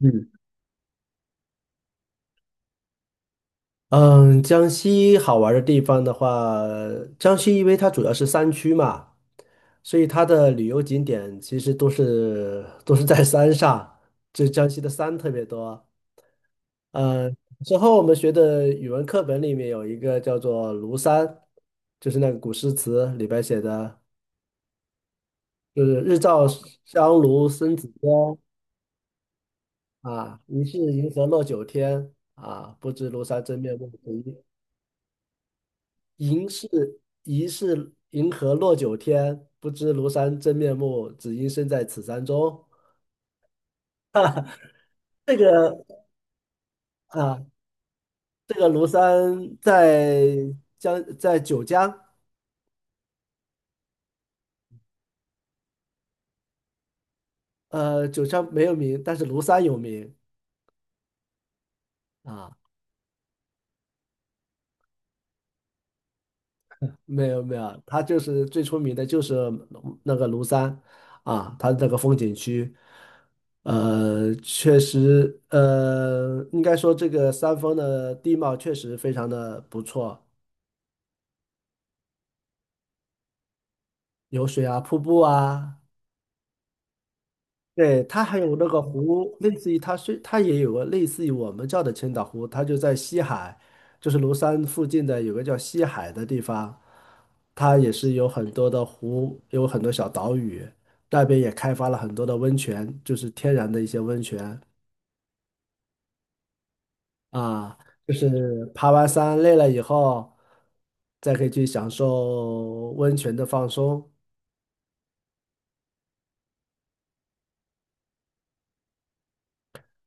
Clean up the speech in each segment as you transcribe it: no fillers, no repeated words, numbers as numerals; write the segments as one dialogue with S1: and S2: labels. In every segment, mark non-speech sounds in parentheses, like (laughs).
S1: 嗯。嗯，江西好玩儿的地方的话，江西因为它主要是山区嘛，所以它的旅游景点其实都是在山上，就江西的山特别多。嗯，之后我们学的语文课本里面有一个叫做《庐山》，就是那个古诗词里边写的，就是"日照香炉生紫烟，啊，疑是银河落九天，啊，不知庐山真面目，疑是疑是银河落九天，不知庐山真面目，只因身在此山中。这个啊，这个庐山在九江，九江没有名，但是庐山有名啊。没有没有，它就是最出名的就是那个庐山啊，它这个风景区，确实，应该说这个山峰的地貌确实非常的不错。有水啊，瀑布啊，对，它还有那个湖，类似于它也有个类似于我们叫的千岛湖，它就在西海，就是庐山附近的有个叫西海的地方，它也是有很多的湖，有很多小岛屿，那边也开发了很多的温泉，就是天然的一些温泉啊，就是爬完山累了以后，再可以去享受温泉的放松。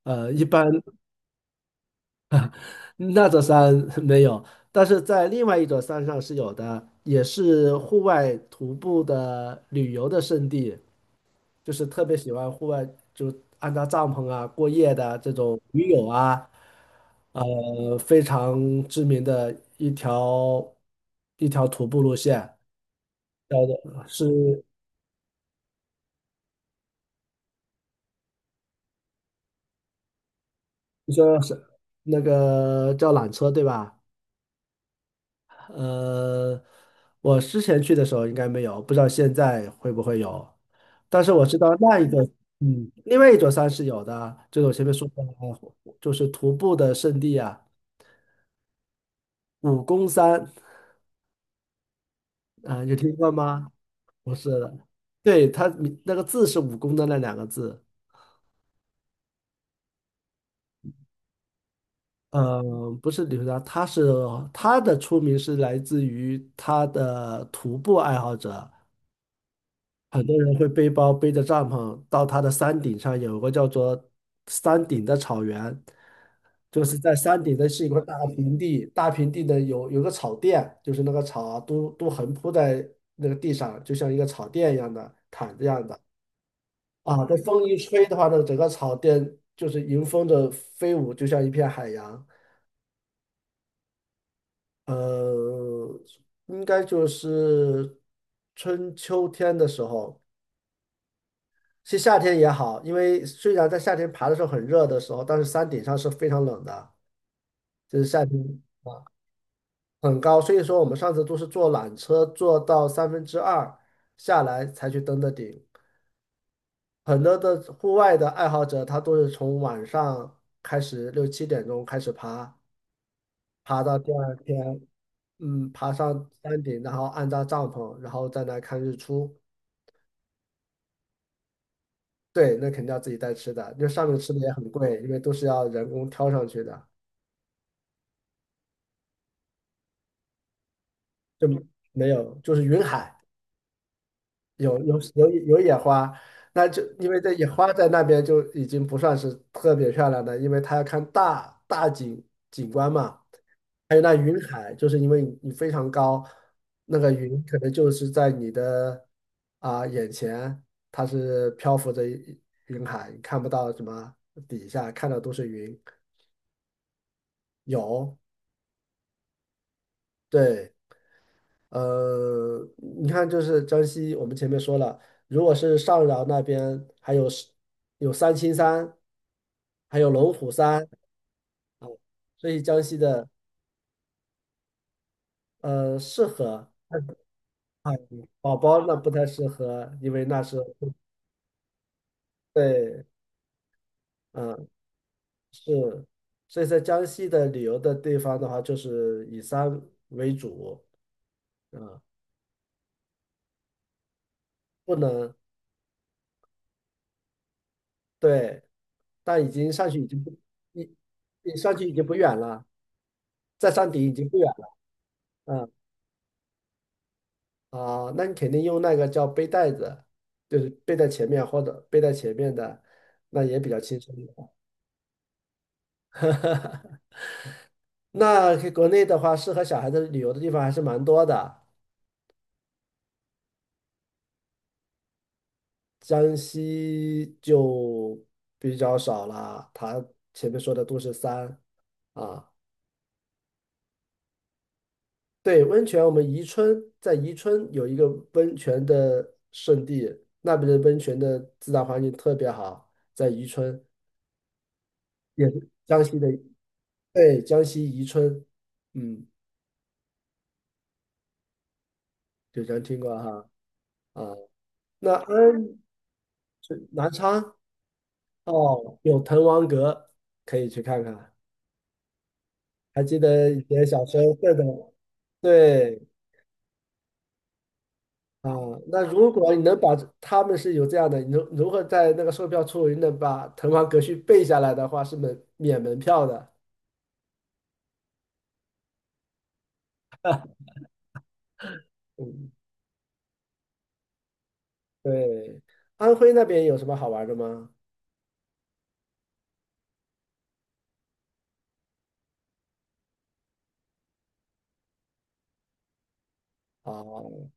S1: 一般那座山 (laughs) 没有，但是在另外一座山上是有的，也是户外徒步的旅游的胜地，就是特别喜欢户外，就安扎帐篷啊、过夜的这种驴友啊，非常知名的一条徒步路线，叫做是你说是那个叫缆车对吧？呃，我之前去的时候应该没有，不知道现在会不会有。但是我知道那一座，另外一座山是有的，就是我前面说过的，就是徒步的圣地啊，武功山啊，有听过吗？不是的，对，它名那个字是武功的那两个字，嗯，不是旅游的，他的出名是来自于他的徒步爱好者。很多人会背包背着帐篷到它的山顶上，有个叫做山顶的草原，就是在山顶的是一块大平地，大平地的有个草垫，就是那个草啊都横铺在那个地上，就像一个草垫一样的毯子一样的啊。这风一吹的话呢，整个草垫就是迎风的飞舞，就像一片海洋。呃，应该就是春秋天的时候。其实夏天也好，因为虽然在夏天爬的时候很热的时候，但是山顶上是非常冷的，就是夏天很高，所以说我们上次都是坐缆车坐到三分之二下来才去登的顶。很多的户外的爱好者，他都是从晚上开始六七点钟开始爬，爬到第二天，爬上山顶，然后安扎帐篷，然后再来看日出。对，那肯定要自己带吃的，因为上面吃的也很贵，因为都是要人工挑上去的。就没有，就是云海有野花，那就因为这野花在那边就已经不算是特别漂亮的，因为它要看大景观嘛。还有那云海，就是因为你非常高，那个云可能就是在你的眼前，它是漂浮着云海，你看不到什么底下，看到都是云。有，对，你看，就是江西，我们前面说了，如果是上饶那边，还有有三清山，还有龙虎山啊，所以江西的适合，啊，宝宝那不太适合，因为那是对，嗯，是，所以在江西的旅游的地方的话，就是以山为主，啊，不能对，但已经上去已经不，你你上去已经不远了，在山顶已经不远。嗯那你肯定用那个叫背带子，就是背在前面或者背在前面的，那也比较轻松的。(laughs) 那国内的话，适合小孩子旅游的地方还是蛮多的，江西就比较少了。它前面说的都是山啊，对，温泉，我们宜春在宜春有一个温泉的圣地，那边的温泉的自然环境特别好，在宜春也是江西的。对，江西宜春，嗯，九江听过哈啊。那安是南昌哦，有滕王阁可以去看看。还记得以前小时候会的，对啊。那如果你能把这他们是有这样的，你如何在那个售票处你能把滕王阁序背下来的话，是免门票的。嗯，对。安徽那边有什么好玩的吗？哦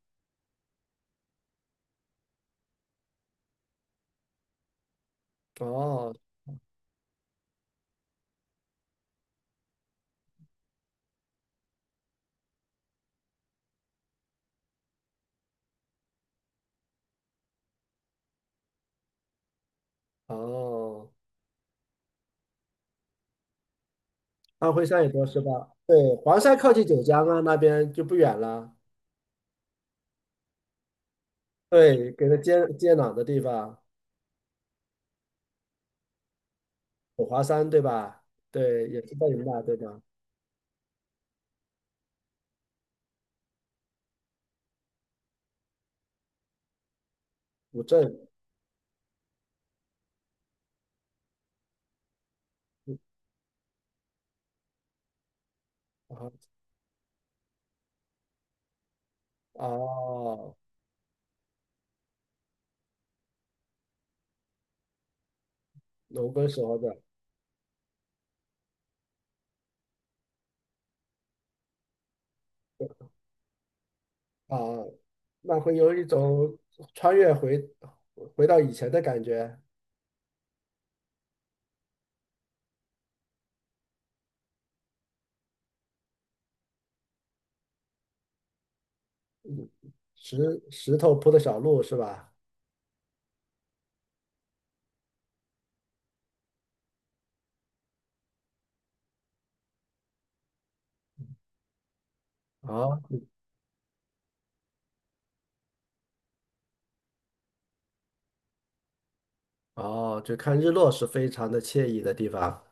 S1: 哦哦。安徽山也多是吧？对，黄山靠近九江啊，那边就不远了。对，给它接壤的地方，五华山对吧？对，也是在云南对吧？古镇啊，哦，龙耕时候的啊，那会有一种穿越回到以前的感觉，石头铺的小路是吧？哦哦，就看日落是非常的惬意的地方。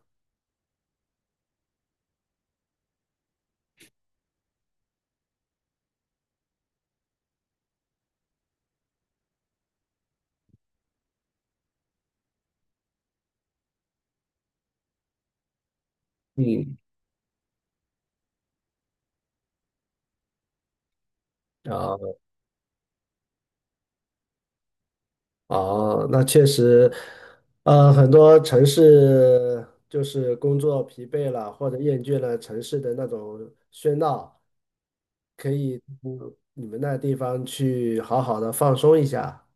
S1: 嗯，啊。哦，那确实，很多城市就是工作疲惫了或者厌倦了城市的那种喧闹，可以你们那地方去好好的放松一下。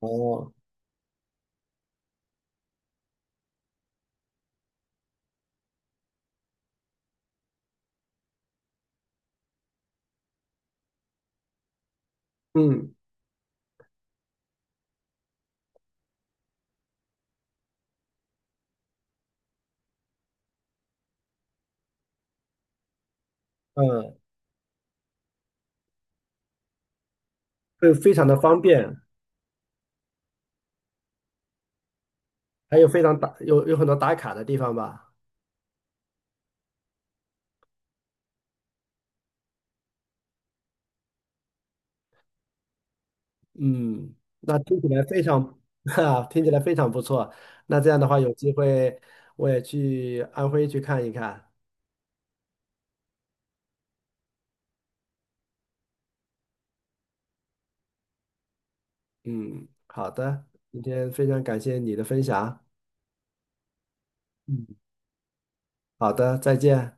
S1: 哦，嗯，嗯，会非常的方便，还有非常打，有很多打卡的地方吧。嗯，那听起来非常，(laughs) 哈，听起来非常不错。那这样的话，有机会我也去安徽去看一看。嗯，好的，今天非常感谢你的分享。嗯，好的，再见。